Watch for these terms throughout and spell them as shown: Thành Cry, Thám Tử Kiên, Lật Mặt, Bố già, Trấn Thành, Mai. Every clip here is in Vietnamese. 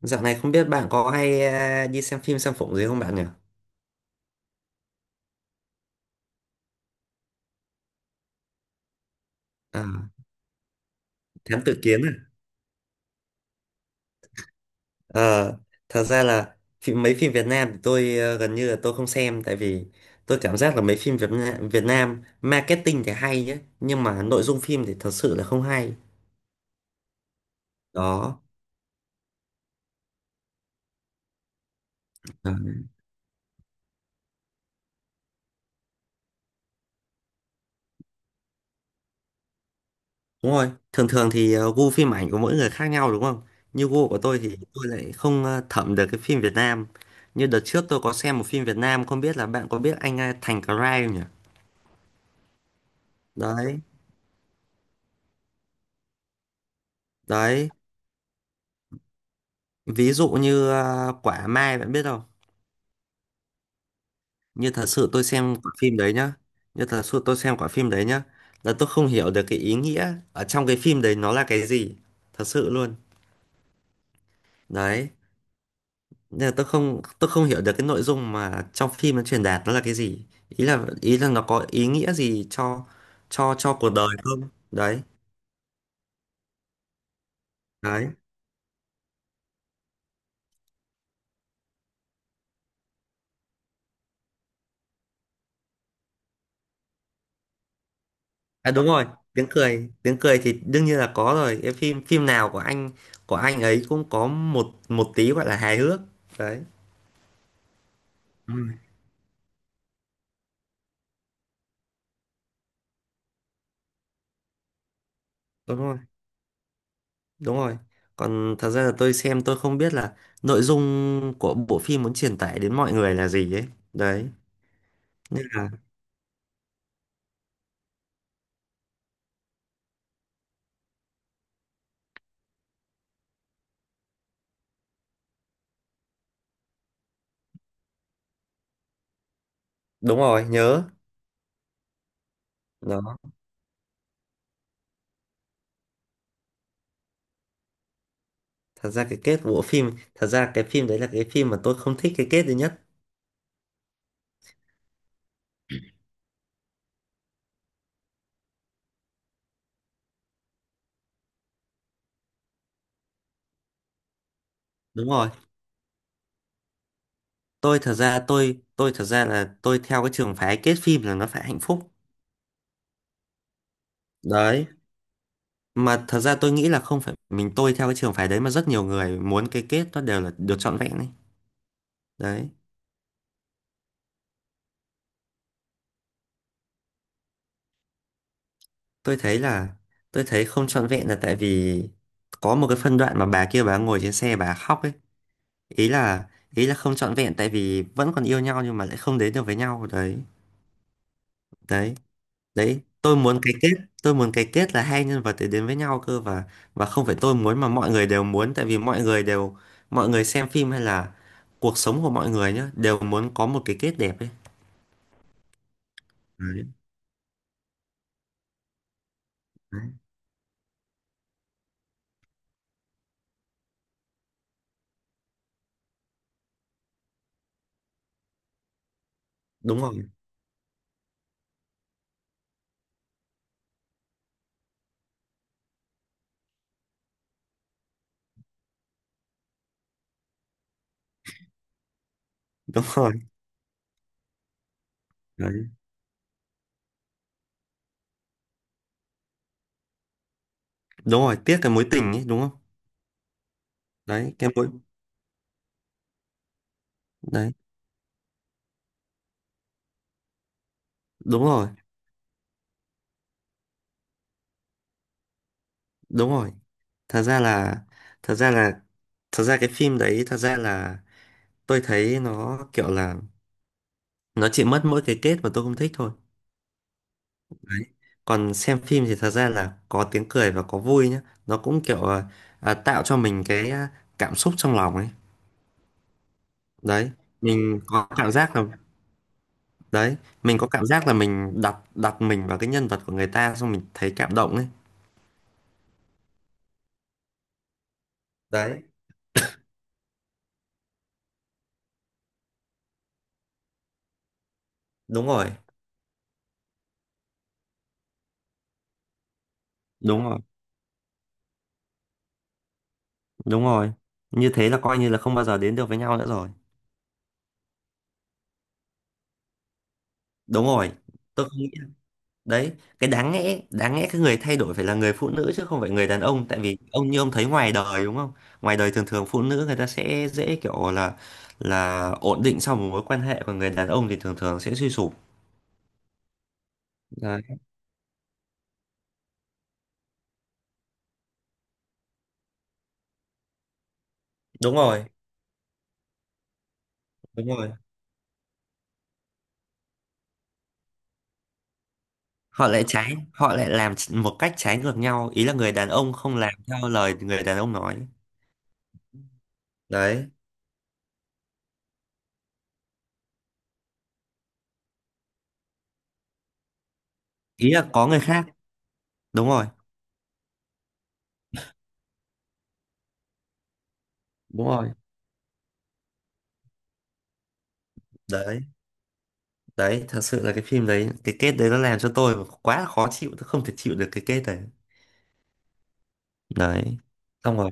Dạo này không biết bạn có hay đi xem phim xem phụng gì không bạn nhỉ? À, Thám Tử Kiên à? Ờ, Thật ra là mấy phim Việt Nam thì tôi gần như là tôi không xem tại vì tôi cảm giác là mấy phim Việt Nam, Việt Nam marketing thì hay nhé nhưng mà nội dung phim thì thật sự là không hay. Đó. Ờ. Đúng rồi. Thường thường thì gu phim ảnh của mỗi người khác nhau đúng không? Như gu của tôi thì tôi lại không thẩm được cái phim Việt Nam. Như đợt trước tôi có xem một phim Việt Nam không biết là bạn có biết anh Thành Cry không nhỉ? Đấy. Đấy, ví dụ như quả Mai bạn biết không? Như thật sự tôi xem quả phim đấy nhá. Như thật sự tôi xem quả phim đấy nhá. Là tôi không hiểu được cái ý nghĩa ở trong cái phim đấy nó là cái gì. Thật sự luôn. Đấy. Nên là tôi không hiểu được cái nội dung mà trong phim nó truyền đạt nó là cái gì. Ý là nó có ý nghĩa gì cho cho cuộc đời không? Đấy. Đấy. À đúng rồi, tiếng cười thì đương nhiên là có rồi. Cái phim phim nào của anh ấy cũng có một một tí gọi là hài hước. Đấy. Đúng rồi, đúng rồi, đúng rồi. Còn thật ra là tôi xem tôi không biết là nội dung của bộ phim muốn truyền tải đến mọi người là gì ấy. Đấy, nên là đúng rồi, nhớ. Đó, thật ra cái phim đấy là cái phim mà tôi không thích cái kết duy nhất. Đúng rồi. Tôi thật ra là tôi theo cái trường phái kết phim là nó phải hạnh phúc. Đấy, mà thật ra tôi nghĩ là không phải mình tôi theo cái trường phái đấy mà rất nhiều người muốn cái kết nó đều là được trọn vẹn ấy. Đấy. Tôi thấy là tôi thấy không trọn vẹn là tại vì có một cái phân đoạn mà bà kia bà ngồi trên xe bà khóc ấy. Ý là ý là không trọn vẹn tại vì vẫn còn yêu nhau nhưng mà lại không đến được với nhau đấy. Đấy đấy tôi muốn cái kết là hai nhân vật để đến với nhau cơ. Và không phải tôi muốn mà mọi người đều muốn tại vì mọi người xem phim hay là cuộc sống của mọi người nhá đều muốn có một cái kết đẹp ấy. Đấy, đấy. đúng rồi đúng rồi. Đấy. Đúng rồi, tiếc cái mối tình ấy đúng không? Đấy, cái mối. Đấy, đúng rồi. Đúng rồi, thật ra là thật ra là thật ra cái phim đấy thật ra là tôi thấy nó kiểu là nó chỉ mất mỗi cái kết mà tôi không thích thôi. Đấy, còn xem phim thì thật ra là có tiếng cười và có vui nhá, nó cũng kiểu tạo cho mình cái cảm xúc trong lòng ấy. Đấy, mình có cảm giác là đấy, mình có cảm giác là mình đặt đặt mình vào cái nhân vật của người ta xong mình thấy cảm động ấy. Đấy, đúng rồi. Đúng rồi đúng rồi Như thế là coi như là không bao giờ đến được với nhau nữa rồi. Đúng rồi, tôi không nghĩ. Đấy, cái đáng lẽ cái người thay đổi phải là người phụ nữ chứ không phải người đàn ông, tại vì ông như ông thấy ngoài đời đúng không? Ngoài đời thường thường phụ nữ người ta sẽ dễ kiểu là ổn định sau một mối quan hệ còn người đàn ông thì thường thường sẽ suy sụp. Đấy. đúng rồi đúng rồi, họ lại làm một cách trái ngược nhau, ý là người đàn ông không làm theo lời người đàn ông nói. Đấy, ý là có người khác. Đúng rồi, đúng rồi. Đấy, đấy thật sự là cái phim đấy cái kết đấy nó làm cho tôi quá là khó chịu, tôi không thể chịu được cái kết đấy. Đấy, xong rồi.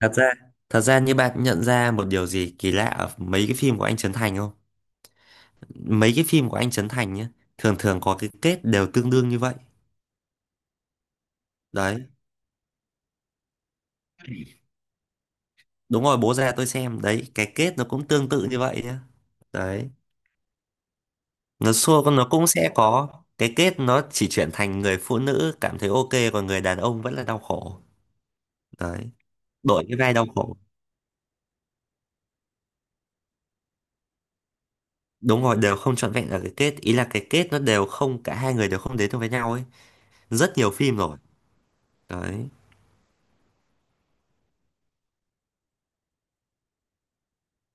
Thật ra thật ra như bạn nhận ra một điều gì kỳ lạ ở mấy cái phim của anh Trấn Thành không? Mấy cái phim của anh Trấn Thành nhé, thường thường có cái kết đều tương đương như vậy. Đấy, đúng rồi, Bố Ra tôi xem đấy, cái kết nó cũng tương tự như vậy nhé. Đấy, nó xua con nó cũng sẽ có cái kết, nó chỉ chuyển thành người phụ nữ cảm thấy ok còn người đàn ông vẫn là đau khổ. Đấy, đổi cái vai đau khổ. Đúng rồi, đều không trọn vẹn ở cái kết, ý là cái kết nó đều không, cả hai người đều không đến được với nhau ấy. Rất nhiều phim rồi. Đấy,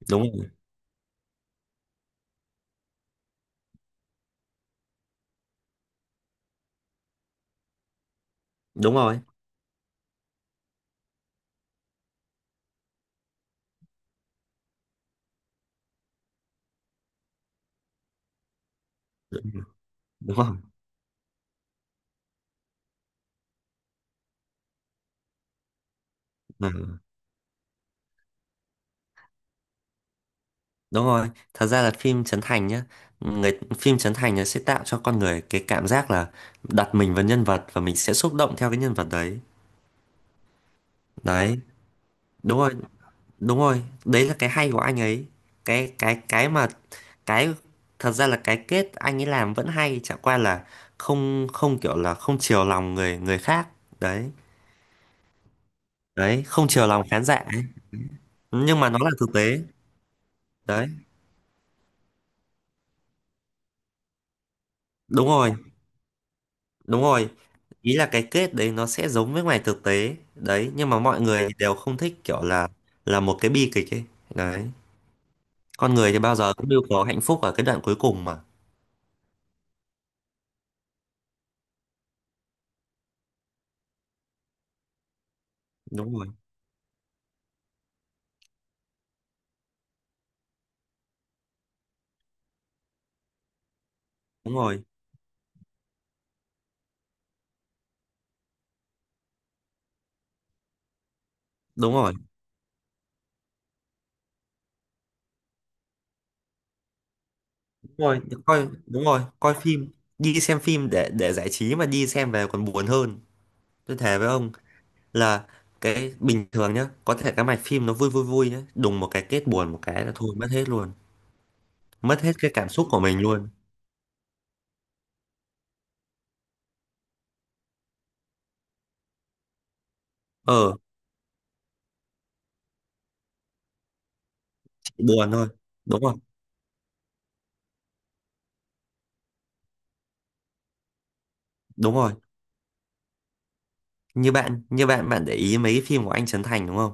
đúng rồi. đúng rồi đúng rồi. Ừ, đúng rồi, thật ra là phim Trấn Thành nhá, người phim Trấn Thành nó sẽ tạo cho con người cái cảm giác là đặt mình vào nhân vật và mình sẽ xúc động theo cái nhân vật đấy. Đấy, đúng rồi. Đúng rồi, đấy là cái hay của anh ấy. Cái cái cái mà cái thật ra là cái kết anh ấy làm vẫn hay, chả qua là không, không kiểu là không chiều lòng người người khác. Đấy. Đấy, không chiều lòng khán giả ấy. Nhưng mà nó là thực tế. Đấy, đúng rồi. Đúng rồi, ý là cái kết đấy nó sẽ giống với ngoài thực tế đấy nhưng mà mọi người đều không thích, kiểu là một cái bi kịch ấy. Đấy, con người thì bao giờ cũng đều có hạnh phúc ở cái đoạn cuối cùng mà. Đúng rồi. Đúng rồi đúng rồi đúng rồi đúng rồi, coi phim, đi xem phim để giải trí mà đi xem về còn buồn hơn. Tôi thề với ông là cái bình thường nhá, có thể cái mạch phim nó vui vui vui nhá, đùng một cái kết buồn một cái là thôi mất hết luôn. Mất hết cái cảm xúc của mình luôn. Ờ, chỉ buồn thôi. Đúng rồi. Đúng rồi, như bạn bạn để ý mấy cái phim của anh Trấn Thành đúng không?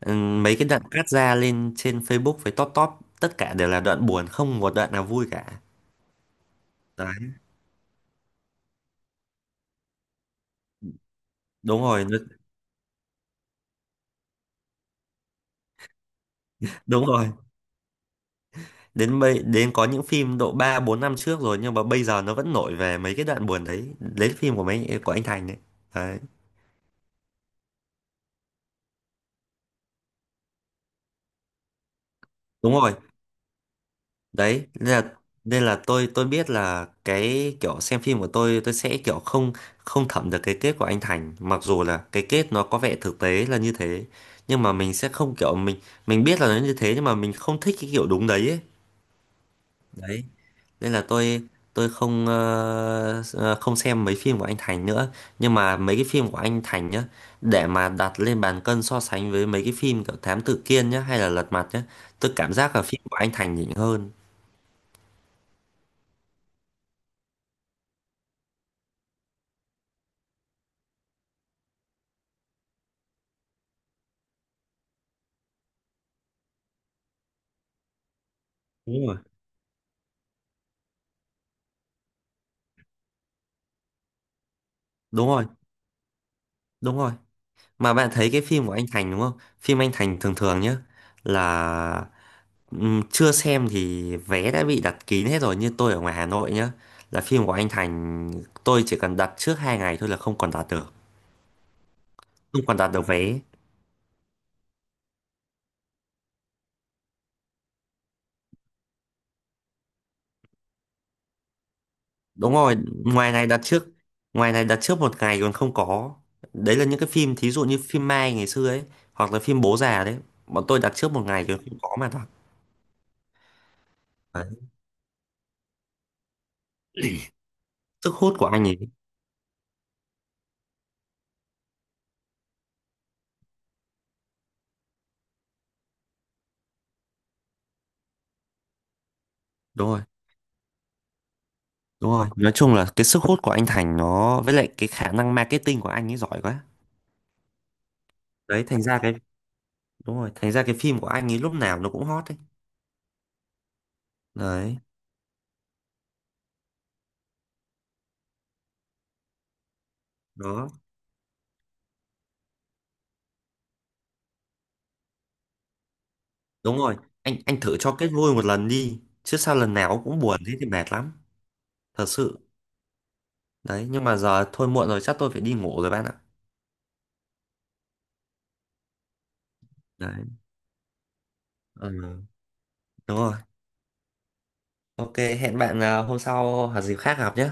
Mấy cái đoạn cắt ra lên trên Facebook với top top tất cả đều là đoạn buồn, không một đoạn nào vui cả. Đấy, đúng rồi, nó- đúng rồi, đến bây đến có những phim độ 3, 4 năm trước rồi nhưng mà bây giờ nó vẫn nổi về mấy cái đoạn buồn đấy, lấy phim của mấy của anh Thành đấy. Đấy, đúng rồi. Đấy, nên là tôi biết là cái kiểu xem phim của tôi sẽ kiểu không, không thẩm được cái kết của anh Thành, mặc dù là cái kết nó có vẻ thực tế là như thế, nhưng mà mình sẽ không kiểu mình biết là nó như thế nhưng mà mình không thích cái kiểu đúng đấy ấy. Đấy, nên là tôi không không xem mấy phim của anh Thành nữa. Nhưng mà mấy cái phim của anh Thành nhá, để mà đặt lên bàn cân so sánh với mấy cái phim kiểu Thám Tử Kiên nhá hay là Lật Mặt nhá, tôi cảm giác là phim của anh Thành nhỉnh hơn. Đúng rồi. Đúng rồi. Đúng rồi. Mà bạn thấy cái phim của anh Thành đúng không? Phim anh Thành thường thường nhá là chưa xem thì vé đã bị đặt kín hết rồi, như tôi ở ngoài Hà Nội nhá. Là phim của anh Thành tôi chỉ cần đặt trước 2 ngày thôi là không còn đặt được. Không còn đặt được vé. Đúng rồi, ngoài này đặt trước ngoài này đặt trước 1 ngày còn không có. Đấy là những cái phim thí dụ như phim Mai ngày xưa ấy hoặc là phim Bố Già đấy. Bọn tôi đặt trước 1 ngày còn không có mà đặt. Đấy, sức hút của anh ấy. Đúng rồi. Đúng rồi, nói chung là cái sức hút của anh Thành nó với lại cái khả năng marketing của anh ấy giỏi quá. Đấy, thành ra cái đúng rồi, thành ra cái phim của anh ấy lúc nào nó cũng hot đấy. Đấy, đó. Đúng rồi, anh thử cho kết vui một lần đi, chứ sao lần nào cũng buồn thế thì mệt lắm, thật sự. Đấy, nhưng mà giờ thôi muộn rồi chắc tôi phải đi ngủ rồi bạn ạ. Đấy. Ừ, đúng rồi. Ok, hẹn bạn hôm sau hoặc dịp khác gặp nhé.